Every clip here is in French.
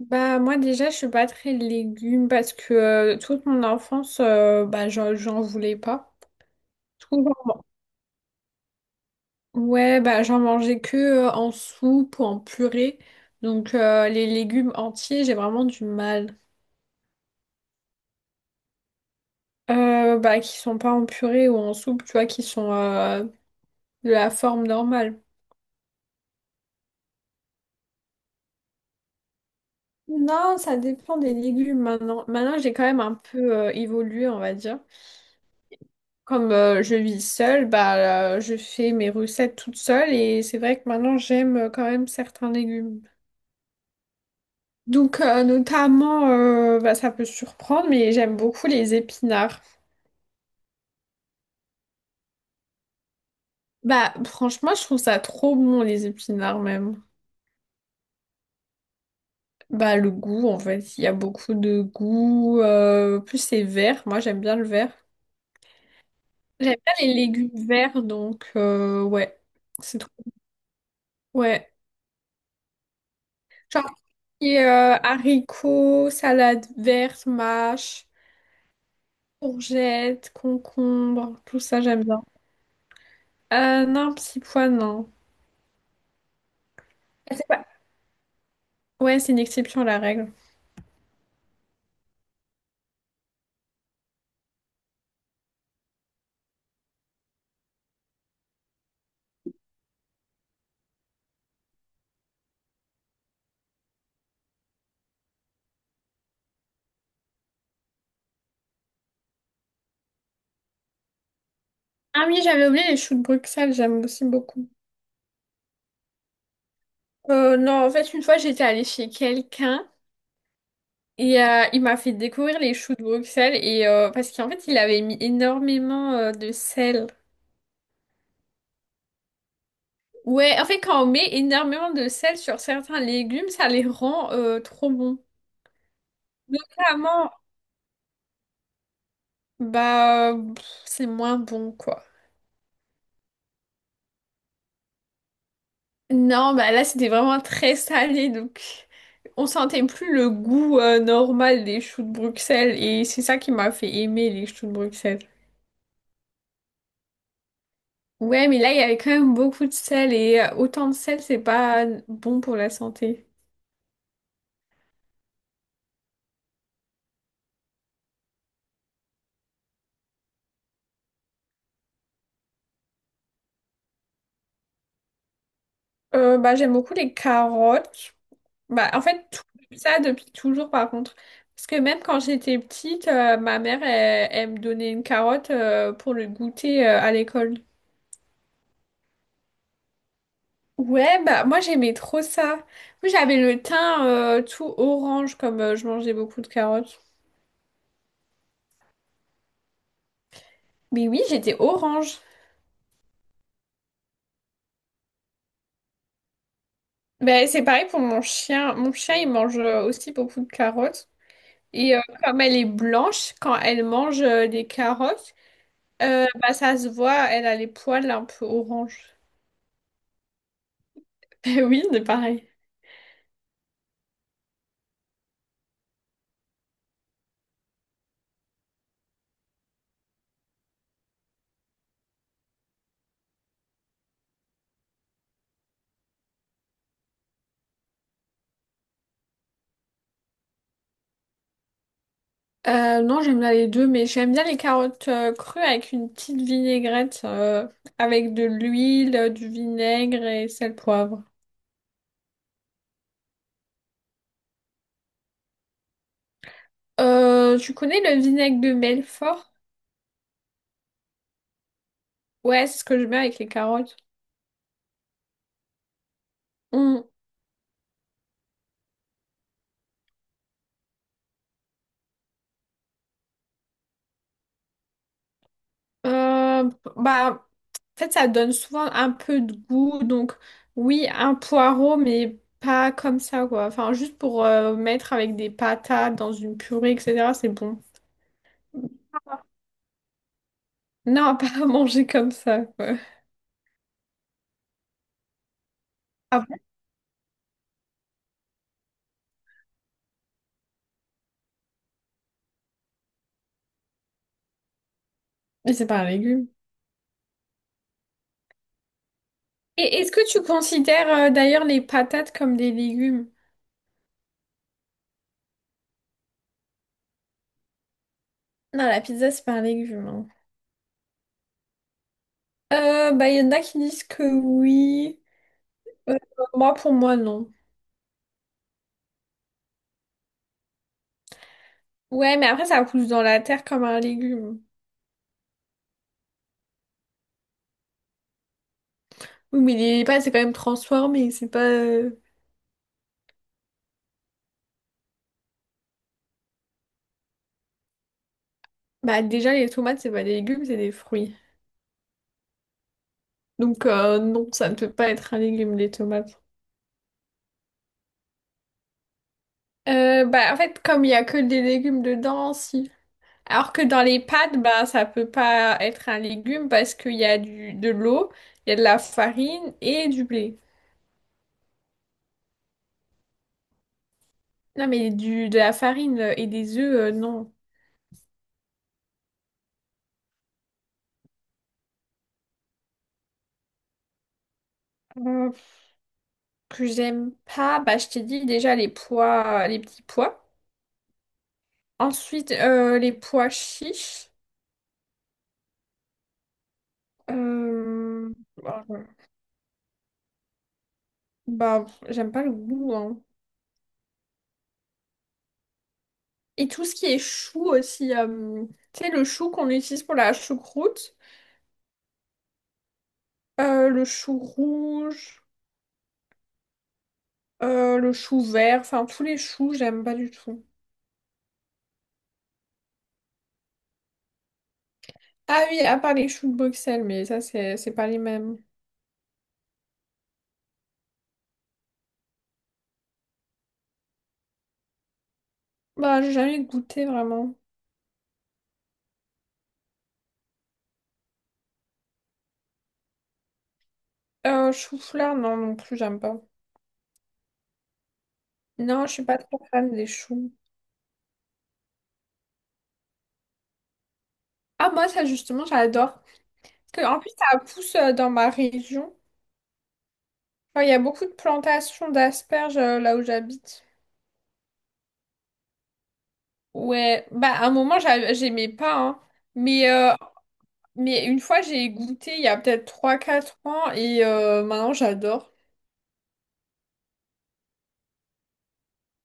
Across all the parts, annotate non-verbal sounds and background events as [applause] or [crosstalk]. Bah moi déjà je suis pas très légumes parce que toute mon enfance bah j'en voulais pas. Du coup, ouais bah j'en mangeais que en soupe ou en purée. Donc les légumes entiers j'ai vraiment du mal. Bah qui sont pas en purée ou en soupe tu vois qui sont de la forme normale. Non, ça dépend des légumes maintenant. Maintenant j'ai quand même un peu évolué, on va dire. Comme je vis seule, bah, je fais mes recettes toute seule, et c'est vrai que maintenant j'aime quand même certains légumes. Donc notamment, bah, ça peut surprendre, mais j'aime beaucoup les épinards. Bah franchement, je trouve ça trop bon, les épinards même. Bah le goût en fait, il y a beaucoup de goût. Plus c'est vert, moi j'aime bien le vert. J'aime bien les légumes verts, donc ouais, c'est trop. Ouais. Genre, et, haricots, salade verte, mâche. Courgettes, concombres, tout ça j'aime bien. Non, petits pois, non. Ah, c'est pas- ouais, c'est une exception à la règle. Ah oui, j'avais oublié les choux de Bruxelles, j'aime aussi beaucoup. Non, en fait, une fois, j'étais allée chez quelqu'un et il m'a fait découvrir les choux de Bruxelles, et parce qu'en fait, il avait mis énormément de sel. Ouais, en fait, quand on met énormément de sel sur certains légumes, ça les rend trop bons. Notamment, bah, pff, c'est moins bon, quoi. Non, bah là c'était vraiment très salé, donc on sentait plus le goût normal des choux de Bruxelles, et c'est ça qui m'a fait aimer les choux de Bruxelles. Ouais, mais là il y avait quand même beaucoup de sel, et autant de sel, c'est pas bon pour la santé. Bah j'aime beaucoup les carottes. Bah en fait tout ça depuis toujours, par contre. Parce que même quand j'étais petite, ma mère elle, elle me donnait une carotte pour le goûter à l'école. Ouais, bah moi j'aimais trop ça. Moi j'avais le teint tout orange, comme je mangeais beaucoup de carottes. Mais oui, j'étais orange. Bah c'est pareil pour mon chien. Mon chien il mange aussi beaucoup de carottes. Et comme elle est blanche, quand elle mange des carottes, bah ça se voit, elle a les poils un peu orange. [laughs] Eh oui, c'est pareil. Non, j'aime bien les deux, mais j'aime bien les carottes crues avec une petite vinaigrette, avec de l'huile, du vinaigre et sel poivre. Tu connais le vinaigre de Melfort? Ouais, c'est ce que je mets avec les carottes. Mm. Euh, Bah, en fait, ça donne souvent un peu de goût. Donc, oui, un poireau, mais pas comme ça, quoi. Enfin, juste pour mettre avec des patates dans une purée, etc. C'est bon. Non, [laughs] pas à manger comme ça, quoi. Ah bon? Mais c'est pas un légume. Et est-ce que tu considères d'ailleurs les patates comme des légumes? Non, la pizza, c'est pas un légume, hein. Bah, il y en a qui disent que oui. Euh, Moi, pour moi, non. Ouais, mais après, ça pousse dans la terre comme un légume. Oui, mais les pâtes, c'est quand même transformé. C'est pas. Bah, déjà, les tomates, c'est pas des légumes, c'est des fruits. Donc, non, ça ne peut pas être un légume, les tomates. Bah, en fait, comme il y a que des légumes dedans, si. Alors que dans les pâtes, bah, ça peut pas être un légume, parce qu'il y a de l'eau, il y a de la farine et du blé. Non, mais de la farine et des œufs, non. Que j'aime pas, bah, je t'ai dit déjà les pois, les petits pois. Ensuite, les pois chiches. Euh, bah, bah, j'aime pas le goût, hein. Et tout ce qui est chou aussi. Tu sais, le chou qu'on utilise pour la choucroute, le chou rouge, le chou vert, enfin tous les choux, j'aime pas du tout. Ah oui, à part les choux de Bruxelles, mais ça, c'est pas les mêmes. Bah, j'ai jamais goûté vraiment. Chou-fleur, non, non plus, j'aime pas. Non, je suis pas trop fan des choux. Ah, moi, ça, justement, j'adore. Parce que, en plus, ça pousse dans ma région. Enfin, il y a beaucoup de plantations d'asperges là où j'habite. Ouais, bah, à un moment, j'aimais pas, hein. Mais, euh, mais une fois, j'ai goûté il y a peut-être 3, 4 ans, et maintenant, j'adore.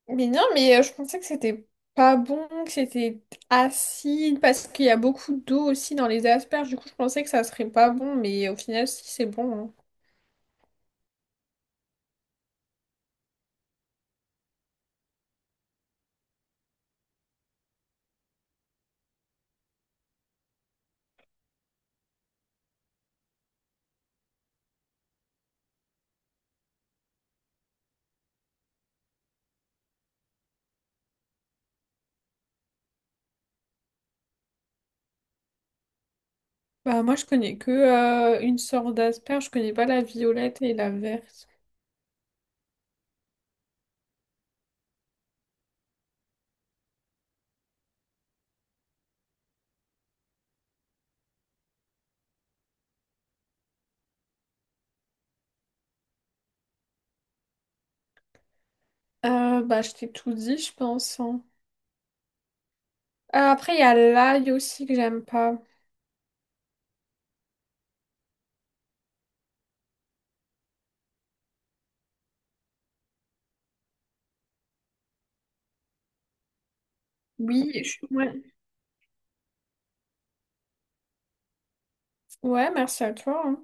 Mais non, mais je pensais que c'était pas bon, que c'était acide, parce qu'il y a beaucoup d'eau aussi dans les asperges. Du coup, je pensais que ça serait pas bon, mais au final, si, c'est bon, hein. Bah, moi, je connais que une sorte d'asperge. Je connais pas la violette et la verte. Bah, je t'ai tout dit, je pense, hein. Après, il y a l'ail aussi que j'aime pas. Oui, ouais. Ouais, merci à toi, hein.